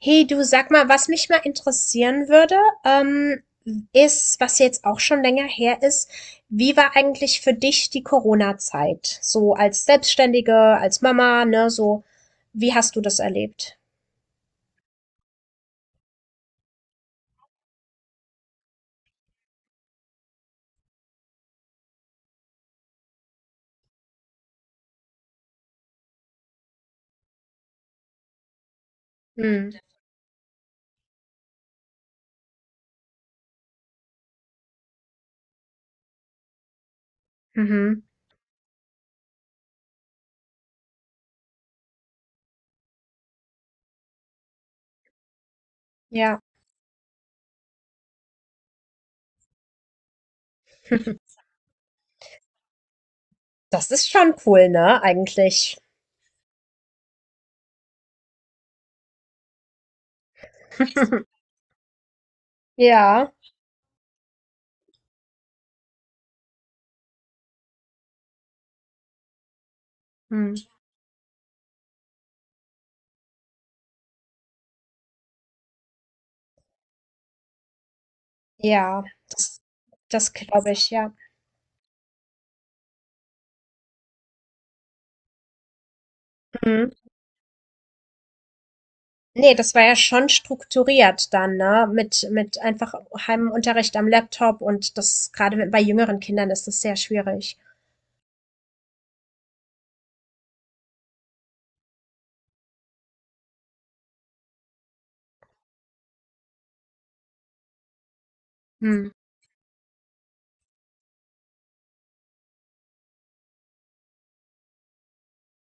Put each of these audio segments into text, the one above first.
Hey du, sag mal, was mich mal interessieren würde, ähm, ist, was jetzt auch schon länger her ist, wie war eigentlich für dich die Corona-Zeit? So als Selbstständige, als Mama, ne, so, wie hast du das erlebt? Hm. Mhm. Ja. Das ist schon cool, ne, eigentlich. Ja. Hm. Ja. Das, das glaube ich, ja. Hm. Ne, das war ja schon strukturiert dann, ne? mit einfach Heimunterricht am Laptop, und das gerade mit bei jüngeren Kindern ist das sehr schwierig. Mhm.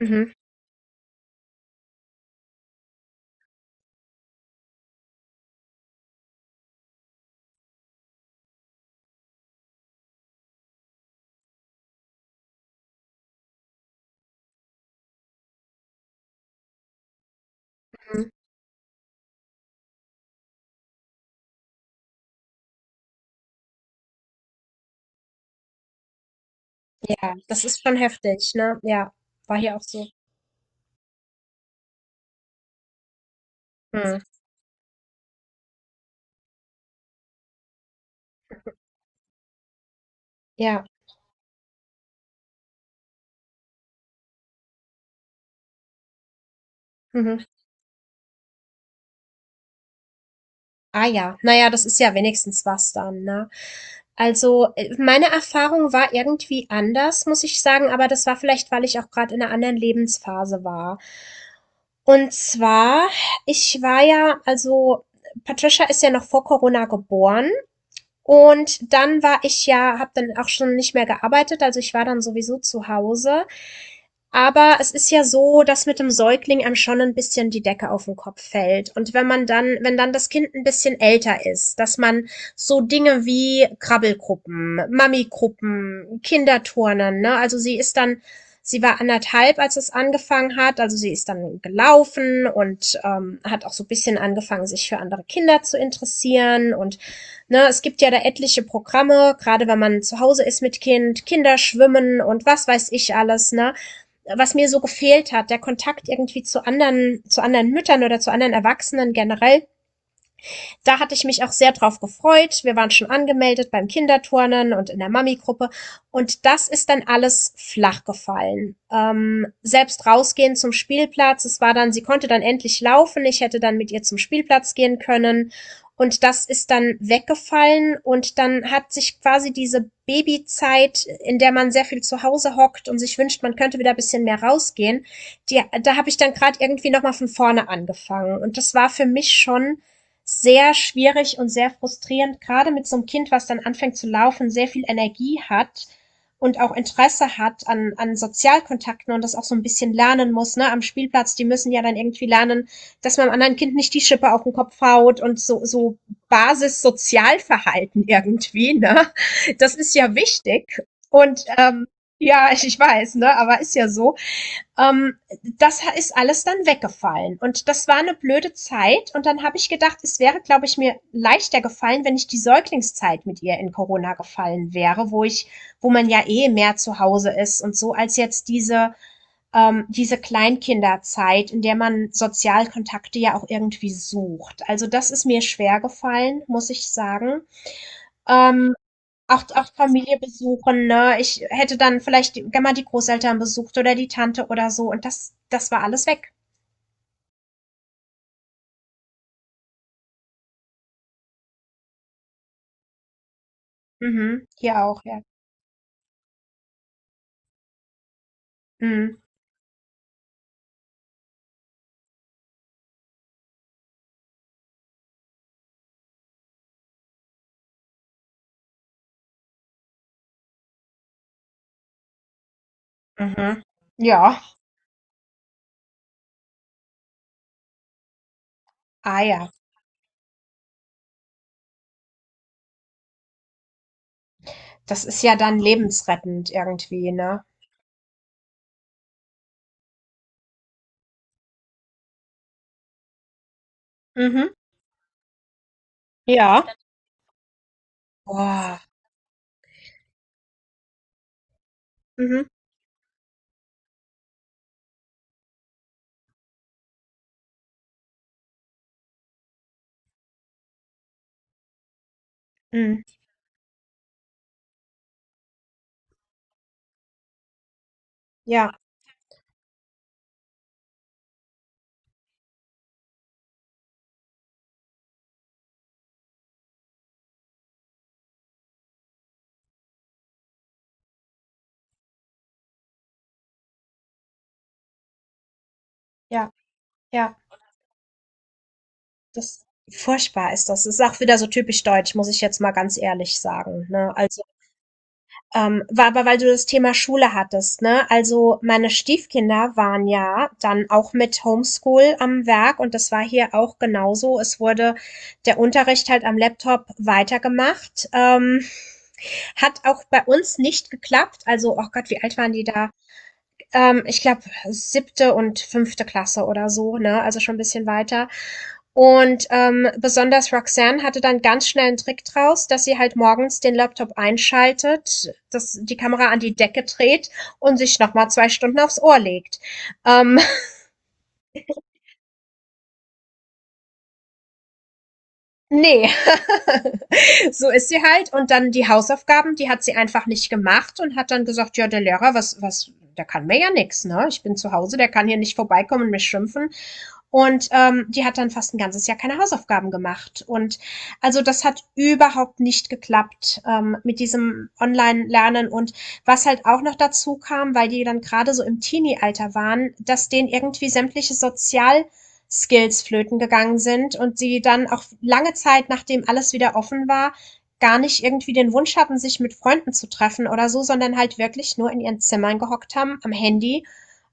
Mhm. Mhm. Ja, das ist schon heftig, ne? Ja, war hier auch so. Mhm. Ja. Mhm. Ah ja, naja, das ist ja wenigstens was dann, ne? Also, meine Erfahrung war irgendwie anders, muss ich sagen, aber das war vielleicht, weil ich auch gerade in einer anderen Lebensphase war. Und zwar: ich war ja also Patricia ist ja noch vor Corona geboren, und dann war ich ja habe dann auch schon nicht mehr gearbeitet, also ich war dann sowieso zu Hause, aber es ist ja so, dass mit dem Säugling einem schon ein bisschen die Decke auf den Kopf fällt. Und wenn dann das Kind ein bisschen älter ist, dass man so Dinge wie Krabbelgruppen, Mami-Gruppen, Kinderturnen, ne? Also, sie ist dann sie war anderthalb, als es angefangen hat. Also, sie ist dann gelaufen und, hat auch so ein bisschen angefangen, sich für andere Kinder zu interessieren, und, ne, es gibt ja da etliche Programme, gerade wenn man zu Hause ist mit Kind, Kinderschwimmen und was weiß ich alles, ne? Was mir so gefehlt hat, der Kontakt irgendwie zu anderen Müttern oder zu anderen Erwachsenen generell, da hatte ich mich auch sehr drauf gefreut. Wir waren schon angemeldet beim Kinderturnen und in der Mami-Gruppe. Und das ist dann alles flach gefallen. Selbst rausgehen zum Spielplatz. Es war dann, sie konnte dann endlich laufen. Ich hätte dann mit ihr zum Spielplatz gehen können. Und das ist dann weggefallen, und dann hat sich quasi diese Babyzeit, in der man sehr viel zu Hause hockt und sich wünscht, man könnte wieder ein bisschen mehr rausgehen, da habe ich dann gerade irgendwie nochmal von vorne angefangen. Und das war für mich schon sehr schwierig und sehr frustrierend, gerade mit so einem Kind, was dann anfängt zu laufen, sehr viel Energie hat und auch Interesse hat an Sozialkontakten, und das auch so ein bisschen lernen muss, ne, am Spielplatz, die müssen ja dann irgendwie lernen, dass man einem anderen Kind nicht die Schippe auf den Kopf haut, und so, so Basis-Sozialverhalten irgendwie, ne, das ist ja wichtig und, ja, ich weiß, ne, aber ist ja so. Ähm, das ist alles dann weggefallen. Und das war eine blöde Zeit. Und dann habe ich gedacht, es wäre, glaube ich, mir leichter gefallen, wenn ich die Säuglingszeit mit ihr in Corona gefallen wäre, wo man ja eh mehr zu Hause ist und so, als jetzt diese Kleinkinderzeit, in der man Sozialkontakte ja auch irgendwie sucht. Also das ist mir schwer gefallen, muss ich sagen. Ähm, auch Familie besuchen, ne? Ich hätte dann vielleicht die gerne mal die Großeltern besucht oder die Tante oder so, und das war alles weg. Mhm. Hier auch, ja. Mhm. Mhm. Ja. Ah ja. Das ist ja dann lebensrettend irgendwie, ne? Mhm. Ja. Boah. Mhm. Mhm. Ja, ja, ja. Das furchtbar ist das. Das ist auch wieder so typisch deutsch, muss ich jetzt mal ganz ehrlich sagen, ne? Also, ähm, war aber, weil du das Thema Schule hattest, ne? Also meine Stiefkinder waren ja dann auch mit Homeschool am Werk, und das war hier auch genauso. Es wurde der Unterricht halt am Laptop weitergemacht. Hat auch bei uns nicht geklappt. Also, oh Gott, wie alt waren die da? Ich glaube, siebte und fünfte Klasse oder so, ne? Also schon ein bisschen weiter. Und besonders Roxanne hatte dann ganz schnell einen Trick draus, dass sie halt morgens den Laptop einschaltet, dass die Kamera an die Decke dreht und sich nochmal 2 Stunden aufs Ohr legt. Ähm, Nee, so ist sie halt, und dann die Hausaufgaben, die hat sie einfach nicht gemacht und hat dann gesagt: „Ja, der Lehrer, was der kann mir ja nichts, ne? Ich bin zu Hause, der kann hier nicht vorbeikommen und mich schimpfen.“ Und, die hat dann fast 1 ganzes Jahr keine Hausaufgaben gemacht. Und also, das hat überhaupt nicht geklappt, mit diesem Online-Lernen. Und was halt auch noch dazu kam, weil die dann gerade so im Teenie-Alter waren, dass denen irgendwie sämtliche sozial Skills flöten gegangen sind und sie dann auch lange Zeit, nachdem alles wieder offen war, gar nicht irgendwie den Wunsch hatten, sich mit Freunden zu treffen oder so, sondern halt wirklich nur in ihren Zimmern gehockt haben, am Handy,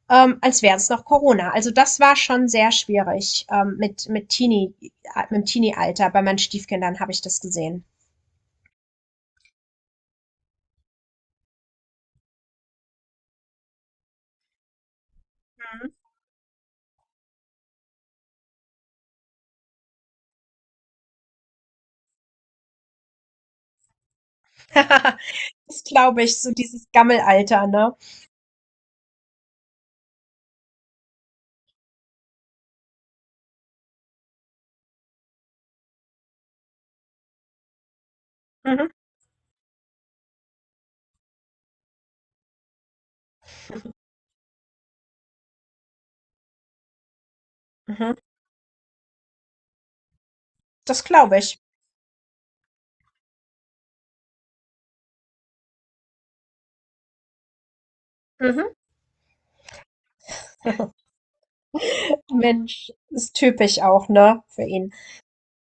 als wäre es noch Corona. Also das war schon sehr schwierig, mit dem Teenie-Alter. Bei meinen Stiefkindern habe ich das gesehen. Das glaube ich, so dieses Gammelalter, ne? Mhm, mhm. Das glaube ich. Mhm. Mensch, ist typisch auch, ne, für ihn.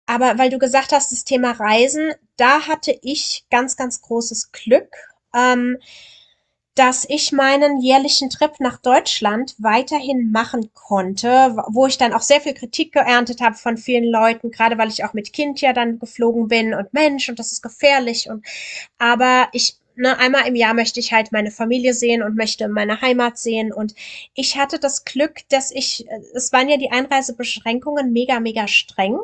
Aber weil du gesagt hast, das Thema Reisen, da hatte ich ganz, ganz großes Glück, ähm, dass ich meinen jährlichen Trip nach Deutschland weiterhin machen konnte, wo ich dann auch sehr viel Kritik geerntet habe von vielen Leuten, gerade weil ich auch mit Kind ja dann geflogen bin und Mensch und das ist gefährlich und aber ich, ne, 1 Mal im Jahr möchte ich halt meine Familie sehen und möchte meine Heimat sehen. Und ich hatte das Glück, dass ich, es waren ja die Einreisebeschränkungen mega, mega streng.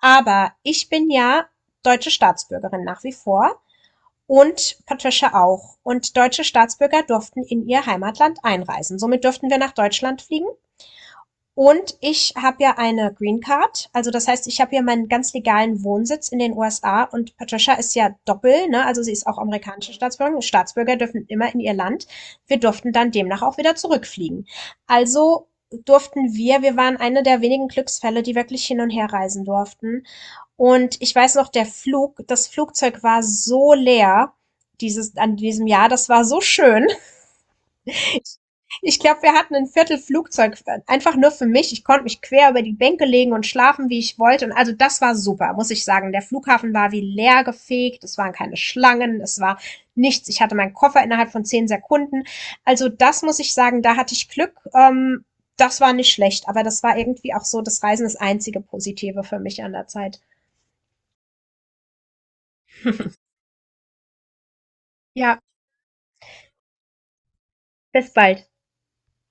Aber ich bin ja deutsche Staatsbürgerin nach wie vor, und Patricia auch. Und deutsche Staatsbürger durften in ihr Heimatland einreisen. Somit durften wir nach Deutschland fliegen. Und ich habe ja eine Green Card. Also das heißt, ich habe ja meinen ganz legalen Wohnsitz in den USA, und Patricia ist ja doppel, ne? Also sie ist auch amerikanische Staatsbürgerin. Staatsbürger dürfen immer in ihr Land. Wir durften dann demnach auch wieder zurückfliegen. Also durften wir, wir waren eine der wenigen Glücksfälle, die wirklich hin und her reisen durften. Und ich weiß noch, der Flug das Flugzeug war so leer dieses an diesem Jahr, das war so schön. Ich glaube, wir hatten ein Viertel Flugzeug einfach nur für mich. Ich konnte mich quer über die Bänke legen und schlafen, wie ich wollte. Und also, das war super, muss ich sagen. Der Flughafen war wie leer gefegt, es waren keine Schlangen, es war nichts. Ich hatte meinen Koffer innerhalb von 10 Sekunden. Also, das muss ich sagen, da hatte ich Glück. Das war nicht schlecht, aber das war irgendwie auch so, das Reisen ist das einzige Positive für mich an der Zeit. Ja, bis bald.